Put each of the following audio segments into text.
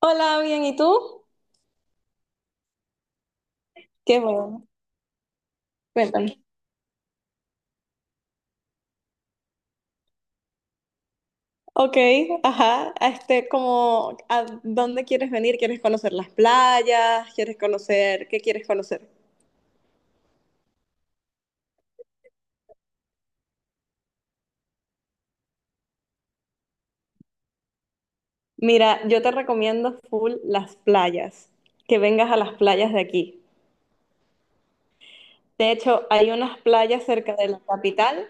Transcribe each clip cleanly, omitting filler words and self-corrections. Hola, bien, ¿y tú? Qué bueno, cuéntame. Ok, ajá, como, ¿a dónde quieres venir? ¿Quieres conocer las playas? ¿Quieres qué quieres conocer? Mira, yo te recomiendo full las playas, que vengas a las playas de aquí. De hecho, hay unas playas cerca de la capital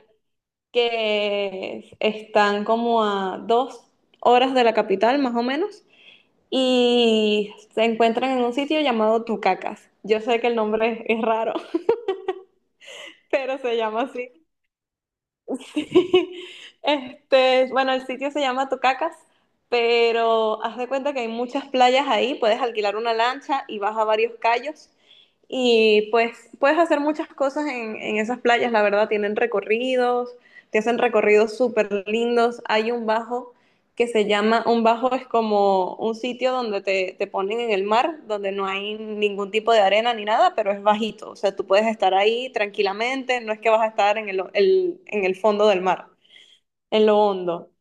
que están como a 2 horas de la capital, más o menos, y se encuentran en un sitio llamado Tucacas. Yo sé que el nombre es raro, pero se llama así. Sí. Bueno, el sitio se llama Tocacas, pero haz de cuenta que hay muchas playas ahí, puedes alquilar una lancha y vas a varios callos y pues puedes hacer muchas cosas en esas playas, la verdad, tienen recorridos, te hacen recorridos súper lindos. Hay un bajo que se llama, un bajo es como un sitio donde te ponen en el mar, donde no hay ningún tipo de arena ni nada, pero es bajito. O sea, tú puedes estar ahí tranquilamente, no es que vas a estar en en el fondo del mar, en lo hondo.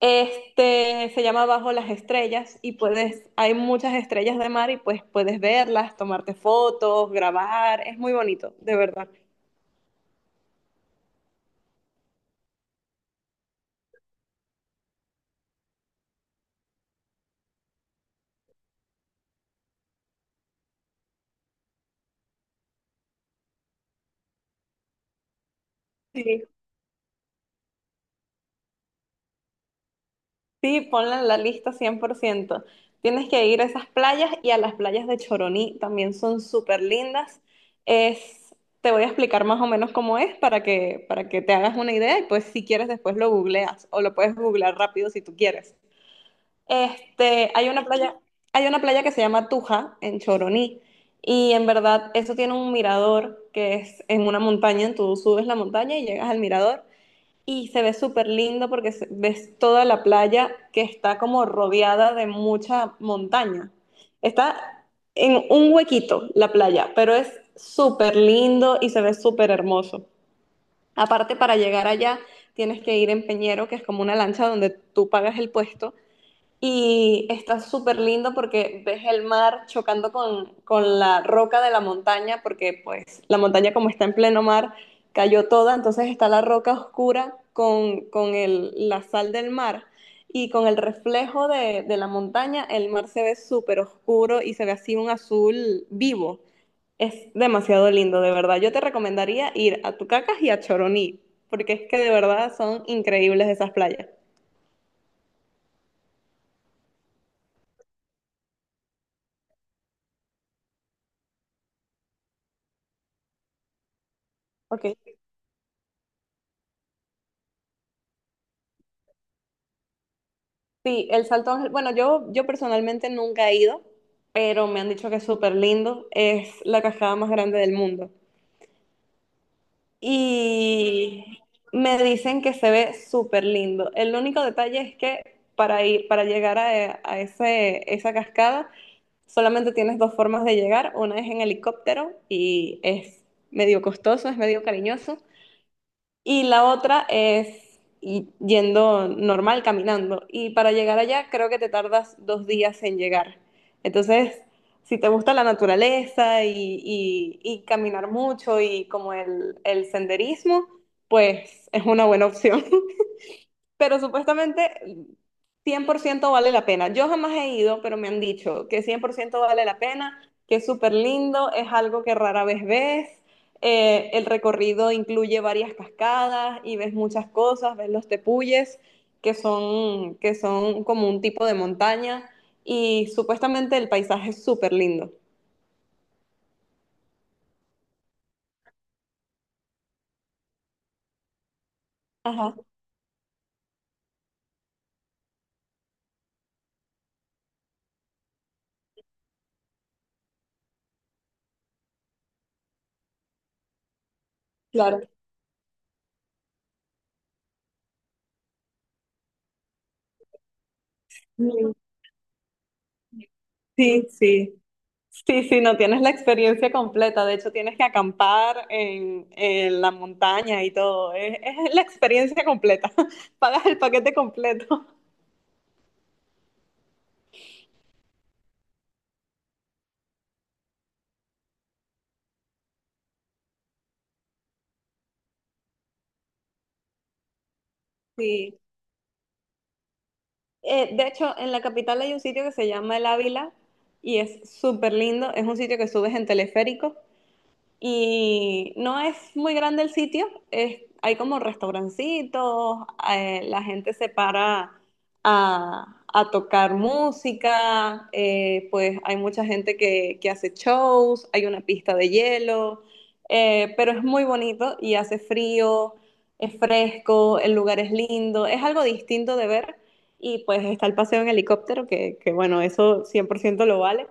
Este se llama Bajo las Estrellas y puedes, hay muchas estrellas de mar y pues puedes verlas, tomarte fotos, grabar, es muy bonito, de verdad. Sí, sí, ponla en la lista 100%. Tienes que ir a esas playas y a las playas de Choroní, también son súper lindas. Es, te voy a explicar más o menos cómo es para que te hagas una idea y pues si quieres después lo googleas o lo puedes googlear rápido si tú quieres. Hay una playa, hay una playa que se llama Tuja en Choroní y en verdad eso tiene un mirador que es en una montaña, tú subes la montaña y llegas al mirador y se ve súper lindo porque se- ves toda la playa que está como rodeada de mucha montaña. Está en un huequito la playa, pero es súper lindo y se ve súper hermoso. Aparte, para llegar allá tienes que ir en Peñero, que es como una lancha donde tú pagas el puesto y está súper lindo porque ves el mar chocando con la roca de la montaña, porque pues la montaña como está en pleno mar, cayó toda, entonces está la roca oscura la sal del mar y con el reflejo de la montaña, el mar se ve súper oscuro y se ve así un azul vivo. Es demasiado lindo, de verdad. Yo te recomendaría ir a Tucacas y a Choroní, porque es que de verdad son increíbles esas playas. Ok. Sí, el Salto Ángel. Bueno, yo personalmente nunca he ido, pero me han dicho que es súper lindo. Es la cascada más grande del mundo. Y me dicen que se ve súper lindo. El único detalle es que para ir, para llegar a ese, esa cascada, solamente tienes 2 formas de llegar. Una es en helicóptero y es medio costoso, es medio cariñoso. Y la otra es yendo normal, caminando. Y para llegar allá creo que te tardas 2 días en llegar. Entonces, si te gusta la naturaleza y caminar mucho y como el senderismo, pues es una buena opción. Pero supuestamente 100% vale la pena. Yo jamás he ido, pero me han dicho que 100% vale la pena, que es súper lindo, es algo que rara vez ves. El recorrido incluye varias cascadas y ves muchas cosas, ves los tepuyes, que son como un tipo de montaña, y supuestamente el paisaje es súper lindo. Ajá, claro. Mm, sí, sí. Sí, sí, no tienes la experiencia completa. De hecho, tienes que acampar en la montaña y todo. Es la experiencia completa. Pagas el paquete completo. Sí. De hecho, en la capital hay un sitio que se llama El Ávila y es súper lindo. Es un sitio que subes en teleférico. Y no es muy grande el sitio, es- hay como restaurancitos, la gente se para a tocar música. Pues hay mucha gente que hace shows, hay una pista de hielo, pero es muy bonito y hace frío, es fresco, el lugar es lindo, es algo distinto de ver y pues está el paseo en helicóptero, que bueno, eso 100% lo vale,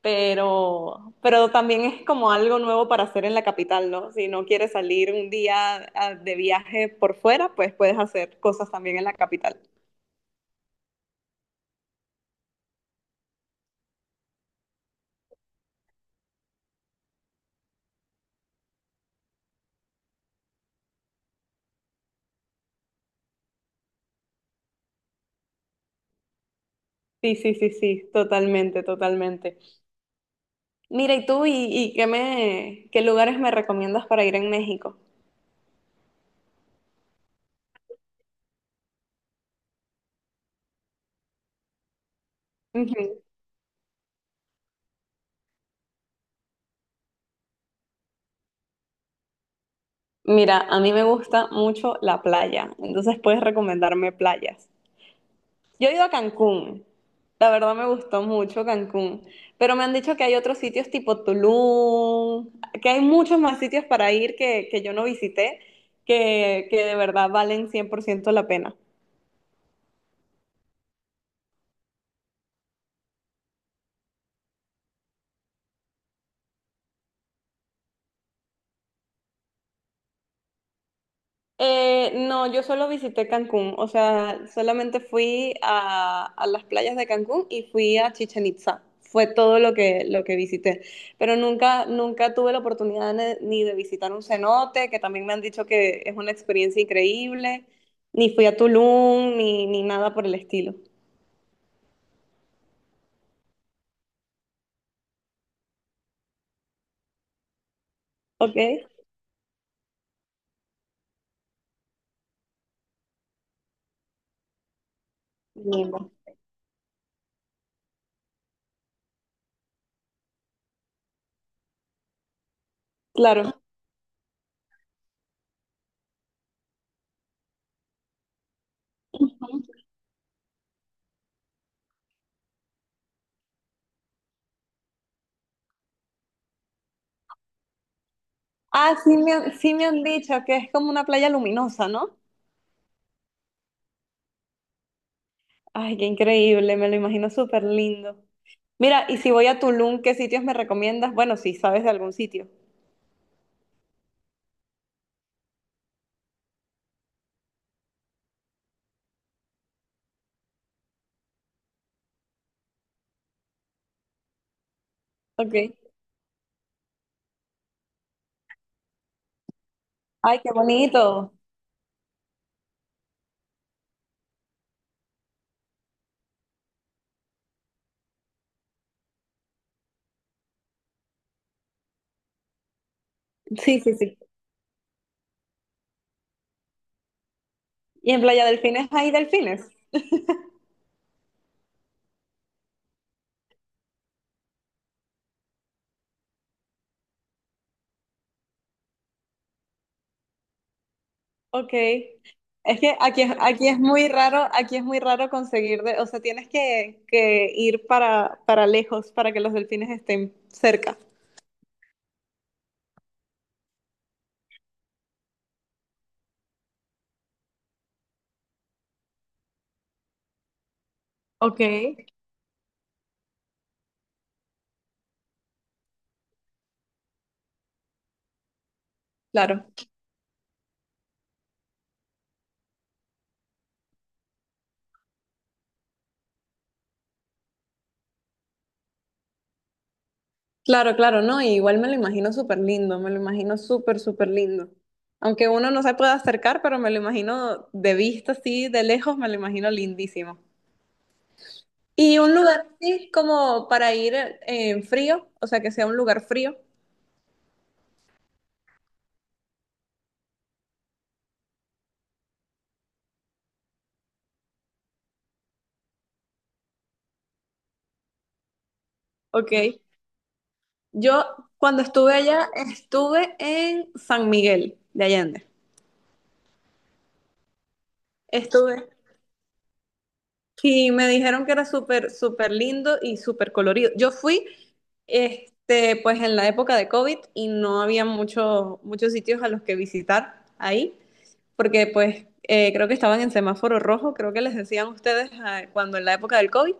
pero también es como algo nuevo para hacer en la capital, ¿no? Si no quieres salir un día ah, de viaje por fuera, pues puedes hacer cosas también en la capital. Sí, sí, sí, sí, totalmente, totalmente. Mira, ¿y tú y qué qué lugares me recomiendas para ir en México? Ujú. Mira, a mí me gusta mucho la playa, entonces puedes recomendarme playas. Yo he ido a Cancún, la verdad me gustó mucho Cancún, pero me han dicho que hay otros sitios tipo Tulum, que hay muchos más sitios para ir que yo no visité, que de verdad valen 100% la pena. No, yo solo visité Cancún, o sea, solamente fui a las playas de Cancún y fui a Chichen Itza. Fue todo lo lo que visité. Pero nunca, nunca tuve la oportunidad ne- ni de visitar un cenote, que también me han dicho que es una experiencia increíble, ni fui a Tulum, ni nada por el estilo. ¿Ok? Lindo. Claro. Ah, sí me han dicho que es como una playa luminosa, ¿no? Ay, qué increíble, me lo imagino súper lindo. Mira, y si voy a Tulum, ¿qué sitios me recomiendas? Bueno, si sabes de algún sitio. Ok. Ay, qué bonito. Sí, sí, sí. ¿Y en Playa Delfines hay delfines? Ok. Es que aquí es muy raro, aquí es muy raro conseguir de, o sea, tienes que ir para lejos para que los delfines estén cerca. Ok. Claro. Claro, claro, no, y igual me lo imagino súper lindo, me lo imagino súper, súper lindo. Aunque uno no se pueda acercar, pero me lo imagino de vista, así, de lejos, me lo imagino lindísimo. Y un lugar así como para ir en frío, o sea, que sea un lugar frío. Ok. Yo cuando estuve allá, estuve en San Miguel de Allende. Estuve, y me dijeron que era súper, súper lindo y súper colorido. Yo fui, pues en la época de COVID y no había mucho muchos sitios a los que visitar ahí, porque pues creo que estaban en semáforo rojo, creo que les decían ustedes ah, cuando en la época del COVID,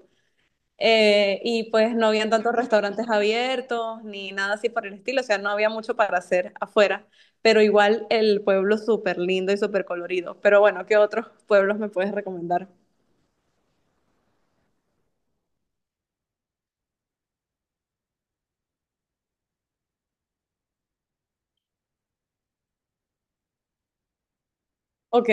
y pues no habían tantos restaurantes abiertos ni nada así por el estilo, o sea, no había mucho para hacer afuera, pero igual el pueblo súper lindo y súper colorido. Pero bueno, ¿qué otros pueblos me puedes recomendar? Ok.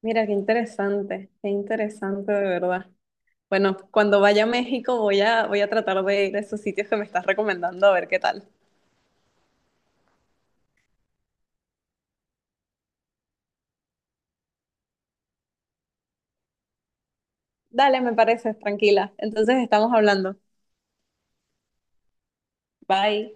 Mira, qué interesante de verdad. Bueno, cuando vaya a México voy voy a tratar de ir a esos sitios que me estás recomendando a ver qué tal. Dale, me parece, tranquila. Entonces estamos hablando. Bye.